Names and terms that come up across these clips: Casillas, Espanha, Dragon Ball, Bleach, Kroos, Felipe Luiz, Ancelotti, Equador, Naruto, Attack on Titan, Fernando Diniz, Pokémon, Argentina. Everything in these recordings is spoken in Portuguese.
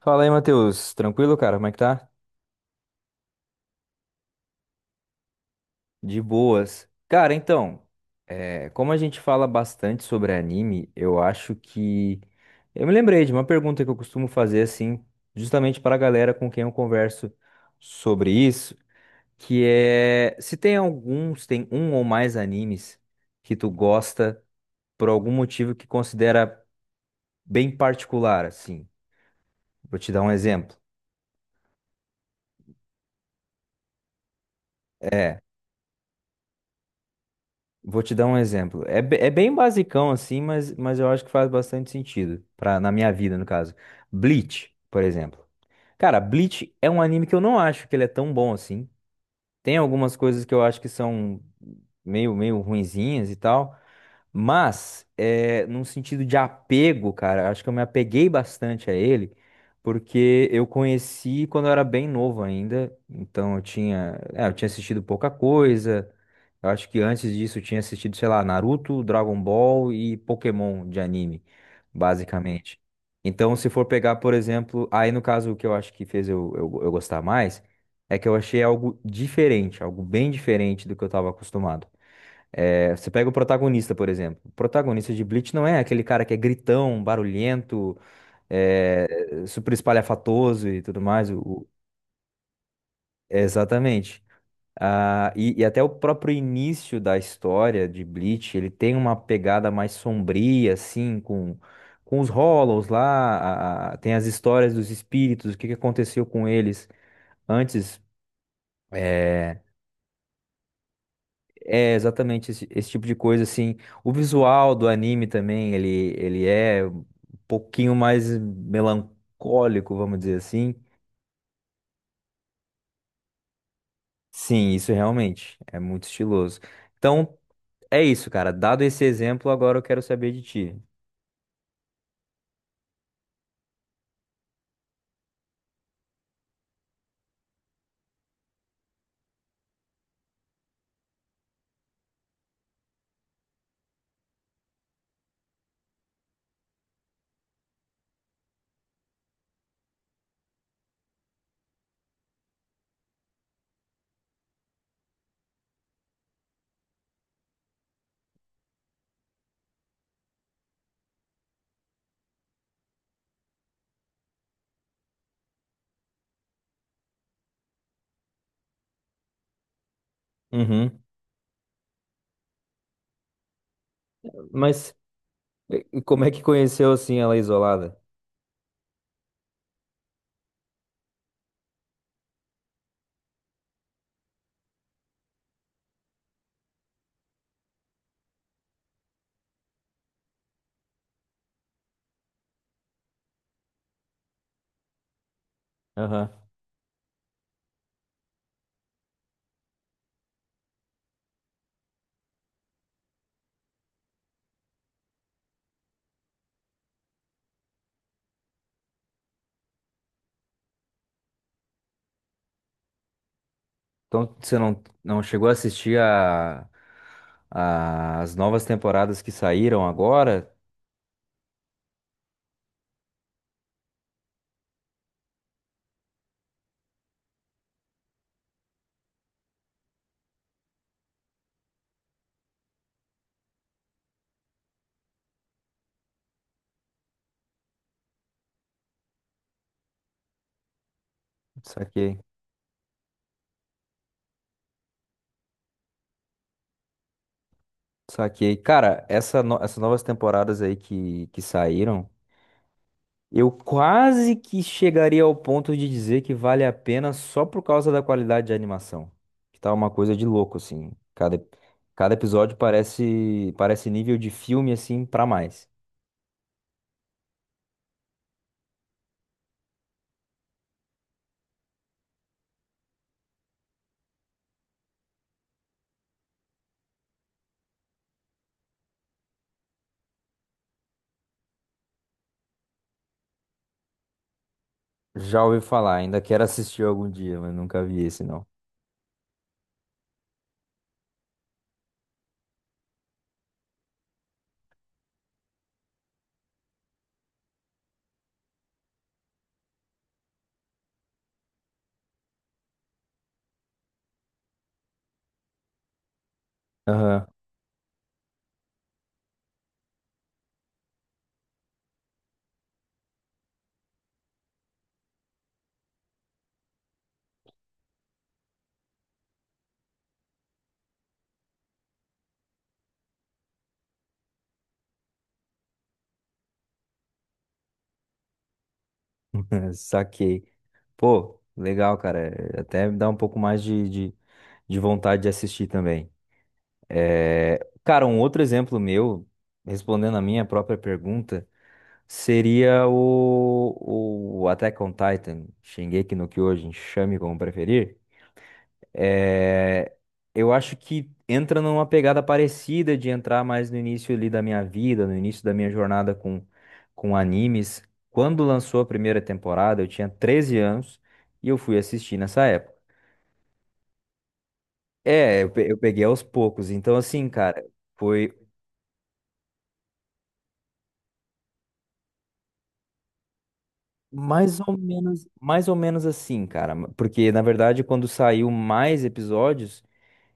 Fala aí, Matheus. Tranquilo, cara? Como é que tá? De boas. Cara, então, como a gente fala bastante sobre anime, eu acho que. Eu me lembrei de uma pergunta que eu costumo fazer, assim, justamente para a galera com quem eu converso sobre isso, que é se tem um ou mais animes que tu gosta por algum motivo que considera bem particular, assim. Vou te dar um exemplo. É, Vou te dar um exemplo. É, é bem basicão assim, mas, eu acho que faz bastante sentido pra, na minha vida, no caso. Bleach, por exemplo. Cara, Bleach é um anime que eu não acho que ele é tão bom assim. Tem algumas coisas que eu acho que são meio ruinzinhas e tal. Mas, é, num sentido de apego, cara, acho que eu me apeguei bastante a ele, porque eu conheci quando eu era bem novo ainda, então eu tinha assistido pouca coisa, eu acho que antes disso eu tinha assistido, sei lá, Naruto, Dragon Ball e Pokémon de anime, basicamente. Então, se for pegar, por exemplo, aí no caso o que eu acho que fez eu gostar mais, é que eu achei algo diferente, algo bem diferente do que eu estava acostumado. É, você pega o protagonista, por exemplo. O protagonista de Bleach não é aquele cara que é gritão, barulhento, super espalhafatoso e tudo mais. Exatamente. Ah, e até o próprio início da história de Bleach, ele tem uma pegada mais sombria, assim, com os Hollows lá, tem as histórias dos espíritos, o que que aconteceu com eles antes. é, É exatamente esse tipo de coisa assim. O visual do anime também, ele é um pouquinho mais melancólico, vamos dizer assim. Sim, isso realmente é muito estiloso. Então, é isso, cara. Dado esse exemplo, agora eu quero saber de ti. Uhum. Mas e como é que conheceu assim ela isolada? Aham. Então, você não, não chegou a assistir as novas temporadas que saíram agora? Saquei. Saquei. Cara, essa no- essas novas temporadas aí que saíram, eu quase que chegaria ao ponto de dizer que vale a pena só por causa da qualidade de animação. Que tá uma coisa de louco, assim. Cada episódio parece nível de filme, assim, pra mais. Já ouvi falar, ainda quero assistir algum dia, mas nunca vi esse, não. Aham, saquei. Pô, legal, cara. Até me dá um pouco mais de vontade de assistir também. É, cara, um outro exemplo meu, respondendo a minha própria pergunta, seria o Attack on Titan, Shingeki no Kyojin, chame como preferir. É, eu acho que entra numa pegada parecida de entrar mais no início ali da minha vida, no início da minha jornada com animes. Quando lançou a primeira temporada, eu tinha 13 anos e eu fui assistir nessa época. É, eu peguei aos poucos. Então, assim, cara. Foi mais ou menos assim, cara. Porque, na verdade, quando saiu mais episódios,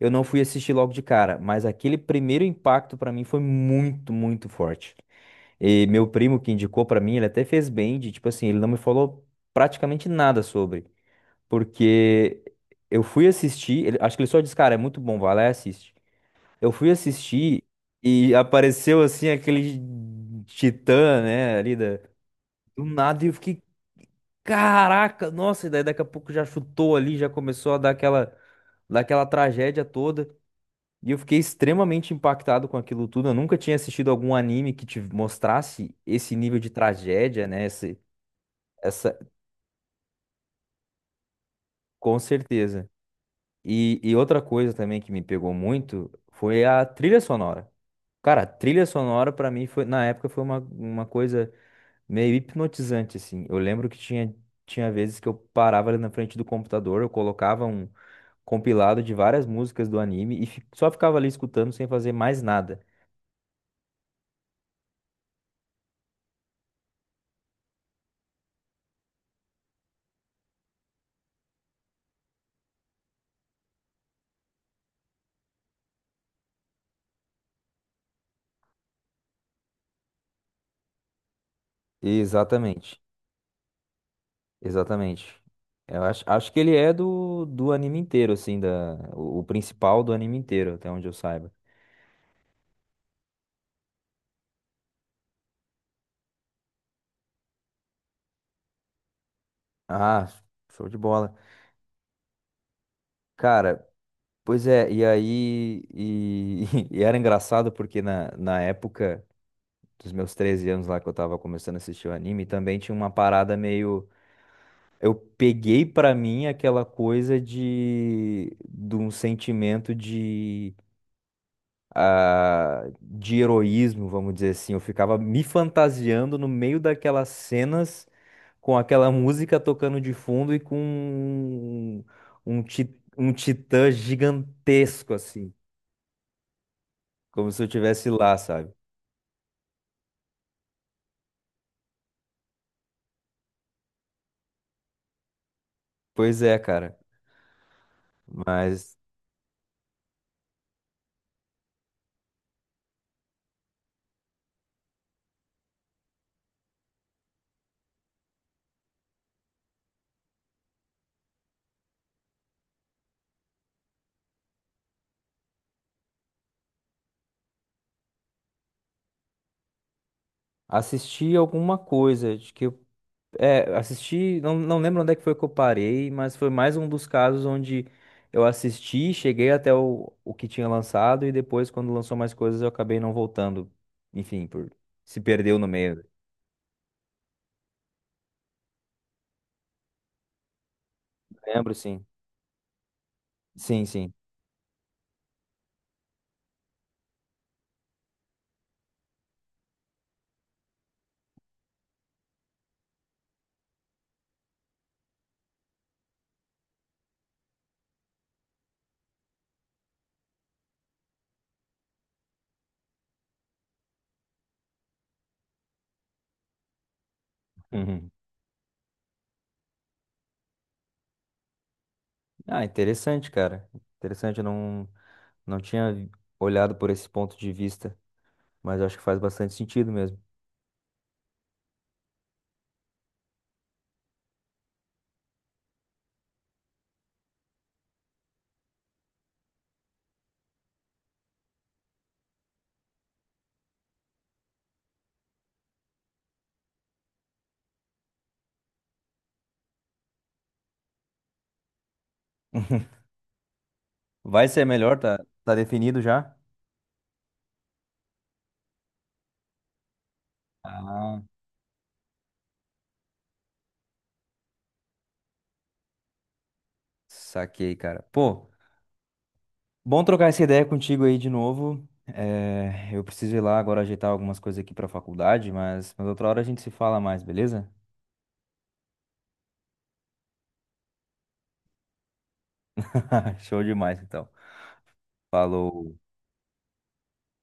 eu não fui assistir logo de cara. Mas aquele primeiro impacto pra mim foi muito forte. E meu primo que indicou pra mim, ele até fez bem de, tipo assim, ele não me falou praticamente nada sobre. Porque eu fui assistir, acho que ele só disse, cara, é muito bom, vai lá e assiste. Eu fui assistir e apareceu assim aquele titã, né, ali da. Do nada e eu fiquei, caraca, nossa, e daí daqui a pouco já chutou ali, já começou a dar dar aquela tragédia toda. E eu fiquei extremamente impactado com aquilo tudo. Eu nunca tinha assistido algum anime que te mostrasse esse nível de tragédia, né? Essa, com certeza. E outra coisa também que me pegou muito foi a trilha sonora. Cara, a trilha sonora pra mim na época foi uma coisa meio hipnotizante, assim. Eu lembro que tinha vezes que eu parava ali na frente do computador, eu colocava compilado de várias músicas do anime e só ficava ali escutando sem fazer mais nada. Exatamente, exatamente. Acho que ele é do anime inteiro, assim, o principal do anime inteiro, até onde eu saiba. Ah, show de bola. Cara, pois é, e aí. E era engraçado porque na época dos meus 13 anos lá que eu tava começando a assistir o anime, também tinha uma parada meio. Eu peguei pra mim aquela coisa de um sentimento de, ah, de heroísmo, vamos dizer assim. Eu ficava me fantasiando no meio daquelas cenas com aquela música tocando de fundo e com um titã gigantesco, assim, como se eu tivesse lá, sabe? Pois é, cara, mas assisti alguma coisa, acho que eu É, assisti, não lembro onde é que foi que eu parei, mas foi mais um dos casos onde eu assisti, cheguei até o que tinha lançado e depois, quando lançou mais coisas, eu acabei não voltando. Enfim, por se perdeu no meio. Lembro, sim. Sim, sim. Uhum. Ah, interessante, cara. Interessante, eu não, não tinha olhado por esse ponto de vista, mas eu acho que faz bastante sentido mesmo. Vai ser melhor, tá, tá definido já? Ah, saquei, cara. Pô. Bom trocar essa ideia contigo aí de novo. Eu preciso ir lá agora ajeitar algumas coisas aqui pra faculdade, mas, outra hora a gente se fala mais, beleza? Show demais, então. Falou.